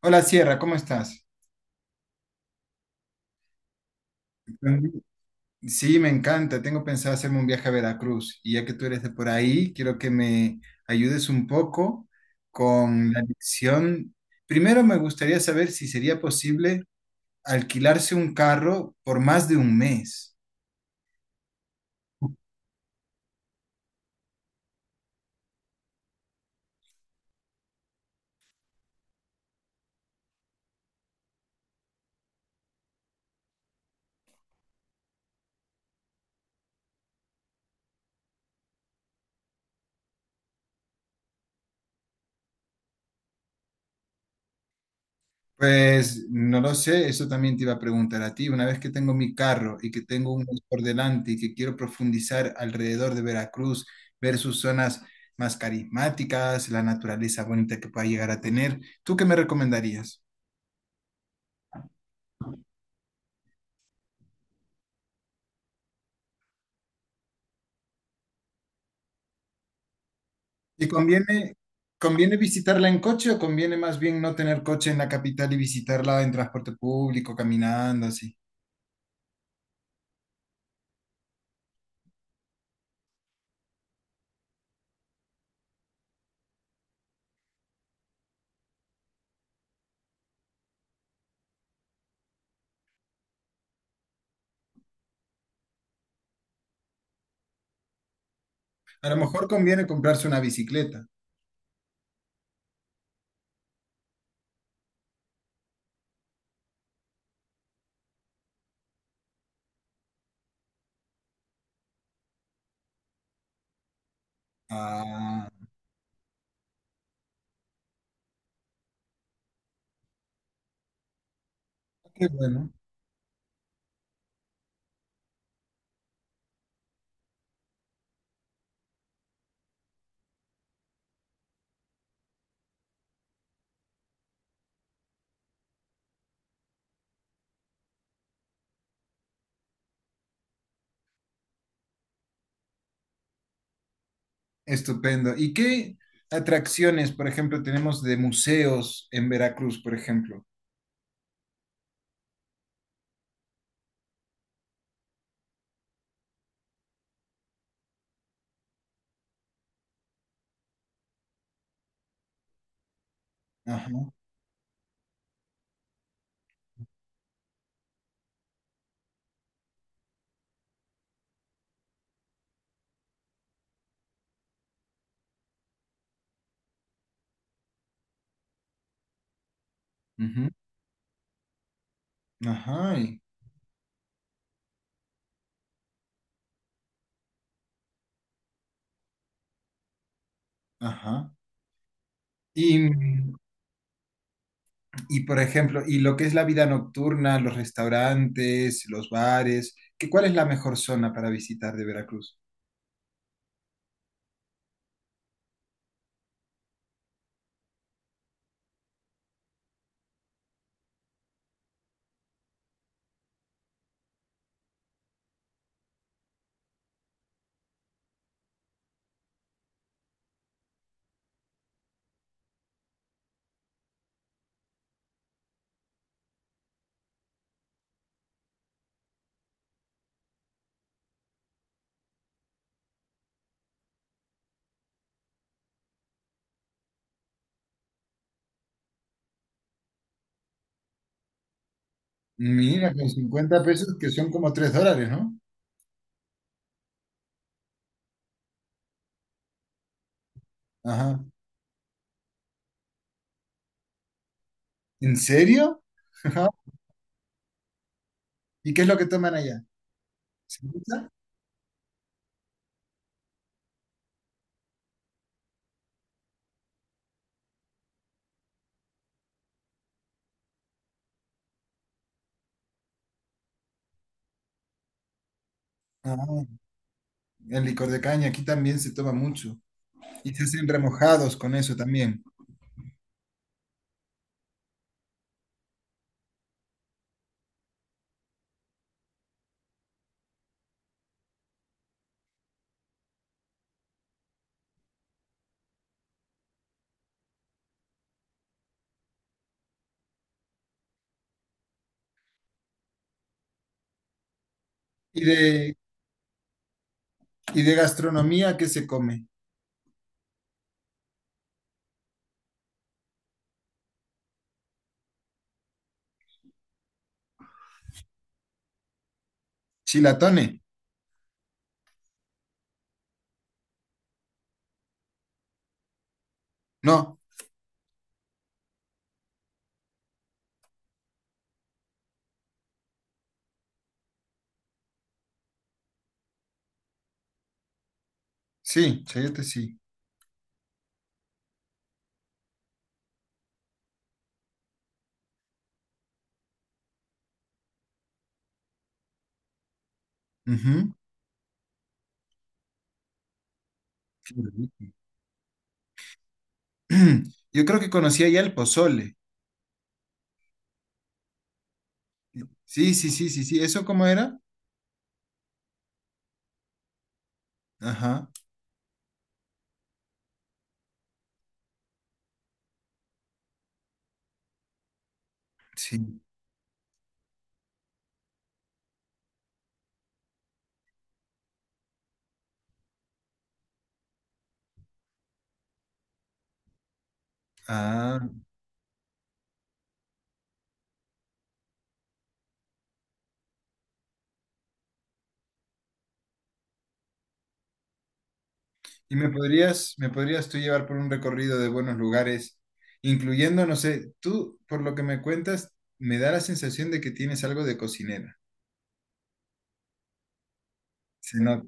Hola Sierra, ¿cómo estás? Sí, me encanta. Tengo pensado hacerme un viaje a Veracruz y ya que tú eres de por ahí, quiero que me ayudes un poco con la elección. Primero me gustaría saber si sería posible alquilarse un carro por más de un mes. Pues no lo sé, eso también te iba a preguntar a ti. Una vez que tengo mi carro y que tengo un mes por delante y que quiero profundizar alrededor de Veracruz, ver sus zonas más carismáticas, la naturaleza bonita que pueda llegar a tener, ¿tú qué me recomendarías? ¿Y conviene visitarla en coche o conviene más bien no tener coche en la capital y visitarla en transporte público, caminando así? A lo mejor conviene comprarse una bicicleta. Ah, qué bueno. Estupendo. ¿Y qué atracciones, por ejemplo, tenemos de museos en Veracruz, por ejemplo? Ajá, ujú, ajá, y- ajá. Y, por ejemplo, y lo que es la vida nocturna, los restaurantes, los bares, ¿ cuál es la mejor zona para visitar de Veracruz? Mira, con 50 pesos que son como 3 dólares, ¿no? Ajá. ¿En serio? Ajá. ¿Y qué es lo que toman allá? ¿Cerveza? Ah, el licor de caña, aquí también se toma mucho. Y se hacen remojados con eso también. ¿Y de, ¿Y de gastronomía qué se come? ¿Chilatone? No, sí, chayate sí. Ujú. Qué rico. Yo creo que conocía ya el pozole. Sí, sí, sí, sí, sí. ¿Eso cómo era? Ajá, sí. Ah. ¿Y me podrías tú llevar por un recorrido de buenos lugares, incluyendo, no sé, tú, por lo que me cuentas, me da la sensación de que tienes algo de cocinera. Se nota.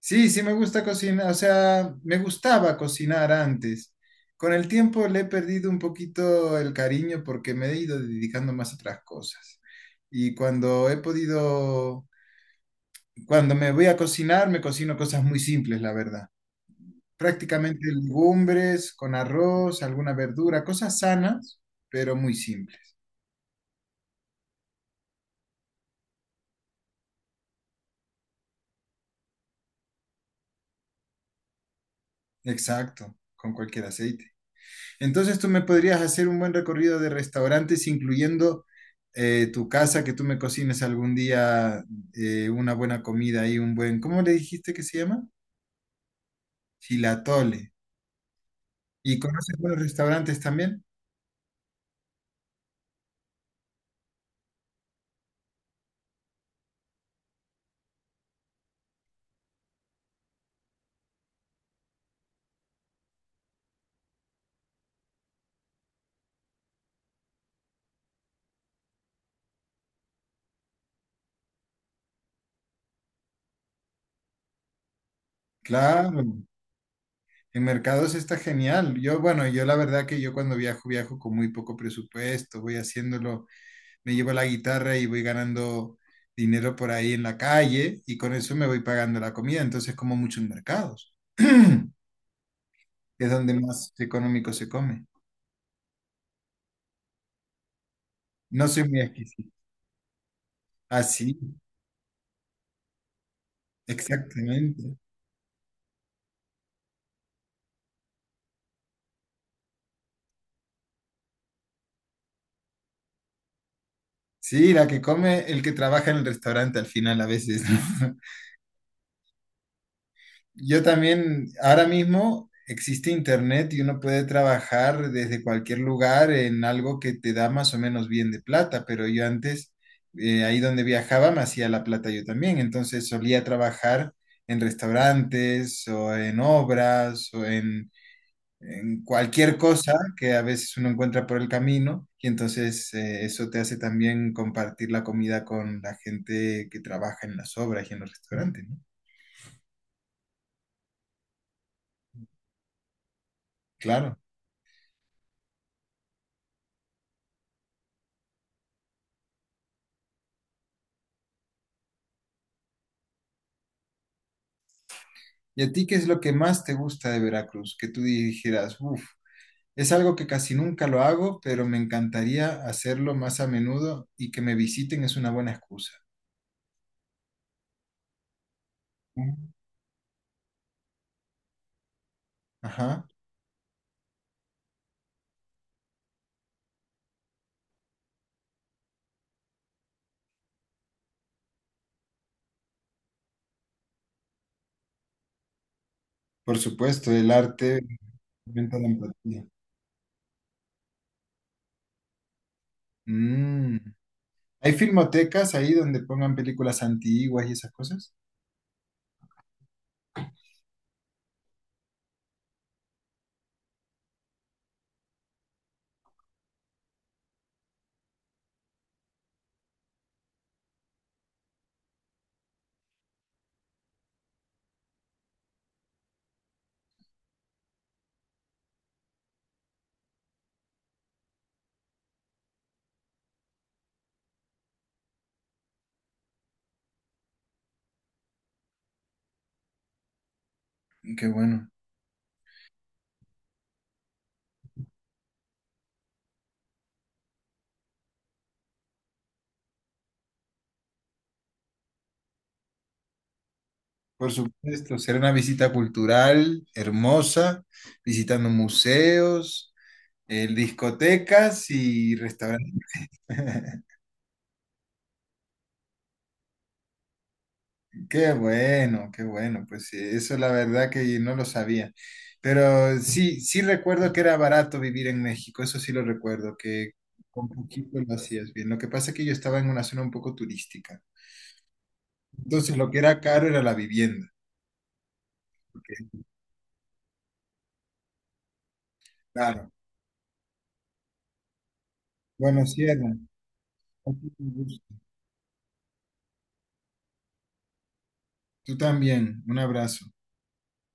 Sí, sí me gusta cocinar, o sea, me gustaba cocinar antes. Con el tiempo le he perdido un poquito el cariño porque me he ido dedicando más a otras cosas. Y cuando he podido, cuando me voy a cocinar, me cocino cosas muy simples, la verdad. Prácticamente legumbres con arroz, alguna verdura, cosas sanas, pero muy simples. Exacto, con cualquier aceite. Entonces tú me podrías hacer un buen recorrido de restaurantes, incluyendo tu casa, que tú me cocines algún día una buena comida y un buen, ¿cómo le dijiste que se llama? Chilatole. ¿Y conoces buenos restaurantes también? Claro, en mercados está genial. Yo, bueno, yo la verdad que yo cuando viajo, viajo con muy poco presupuesto, voy haciéndolo, me llevo la guitarra y voy ganando dinero por ahí en la calle y con eso me voy pagando la comida. Entonces como mucho en mercados. Es donde más económico se come. No soy muy exquisito. Así, exactamente. Sí, la que come el que trabaja en el restaurante al final a veces, ¿no? Yo también, ahora mismo existe internet y uno puede trabajar desde cualquier lugar en algo que te da más o menos bien de plata, pero yo antes, ahí donde viajaba, me hacía la plata yo también, entonces solía trabajar en restaurantes o en obras en cualquier cosa que a veces uno encuentra por el camino y entonces eso te hace también compartir la comida con la gente que trabaja en las obras y en los restaurantes, ¿no? Claro. ¿Y a ti qué es lo que más te gusta de Veracruz? Que tú dijeras, uff, es algo que casi nunca lo hago, pero me encantaría hacerlo más a menudo y que me visiten es una buena excusa. Mm. Ajá, por supuesto, el arte aumenta la empatía. Mm. ¿Hay filmotecas ahí donde pongan películas antiguas y esas cosas? Qué bueno. Por supuesto, será una visita cultural hermosa, visitando museos, discotecas y restaurantes. Qué bueno, pues sí, eso la verdad que no lo sabía, pero sí, sí recuerdo que era barato vivir en México, eso sí lo recuerdo, que con poquito lo hacías bien. Lo que pasa es que yo estaba en una zona un poco turística, entonces lo que era caro era la vivienda, porque, claro. Bueno, Sierra, tú también, un abrazo.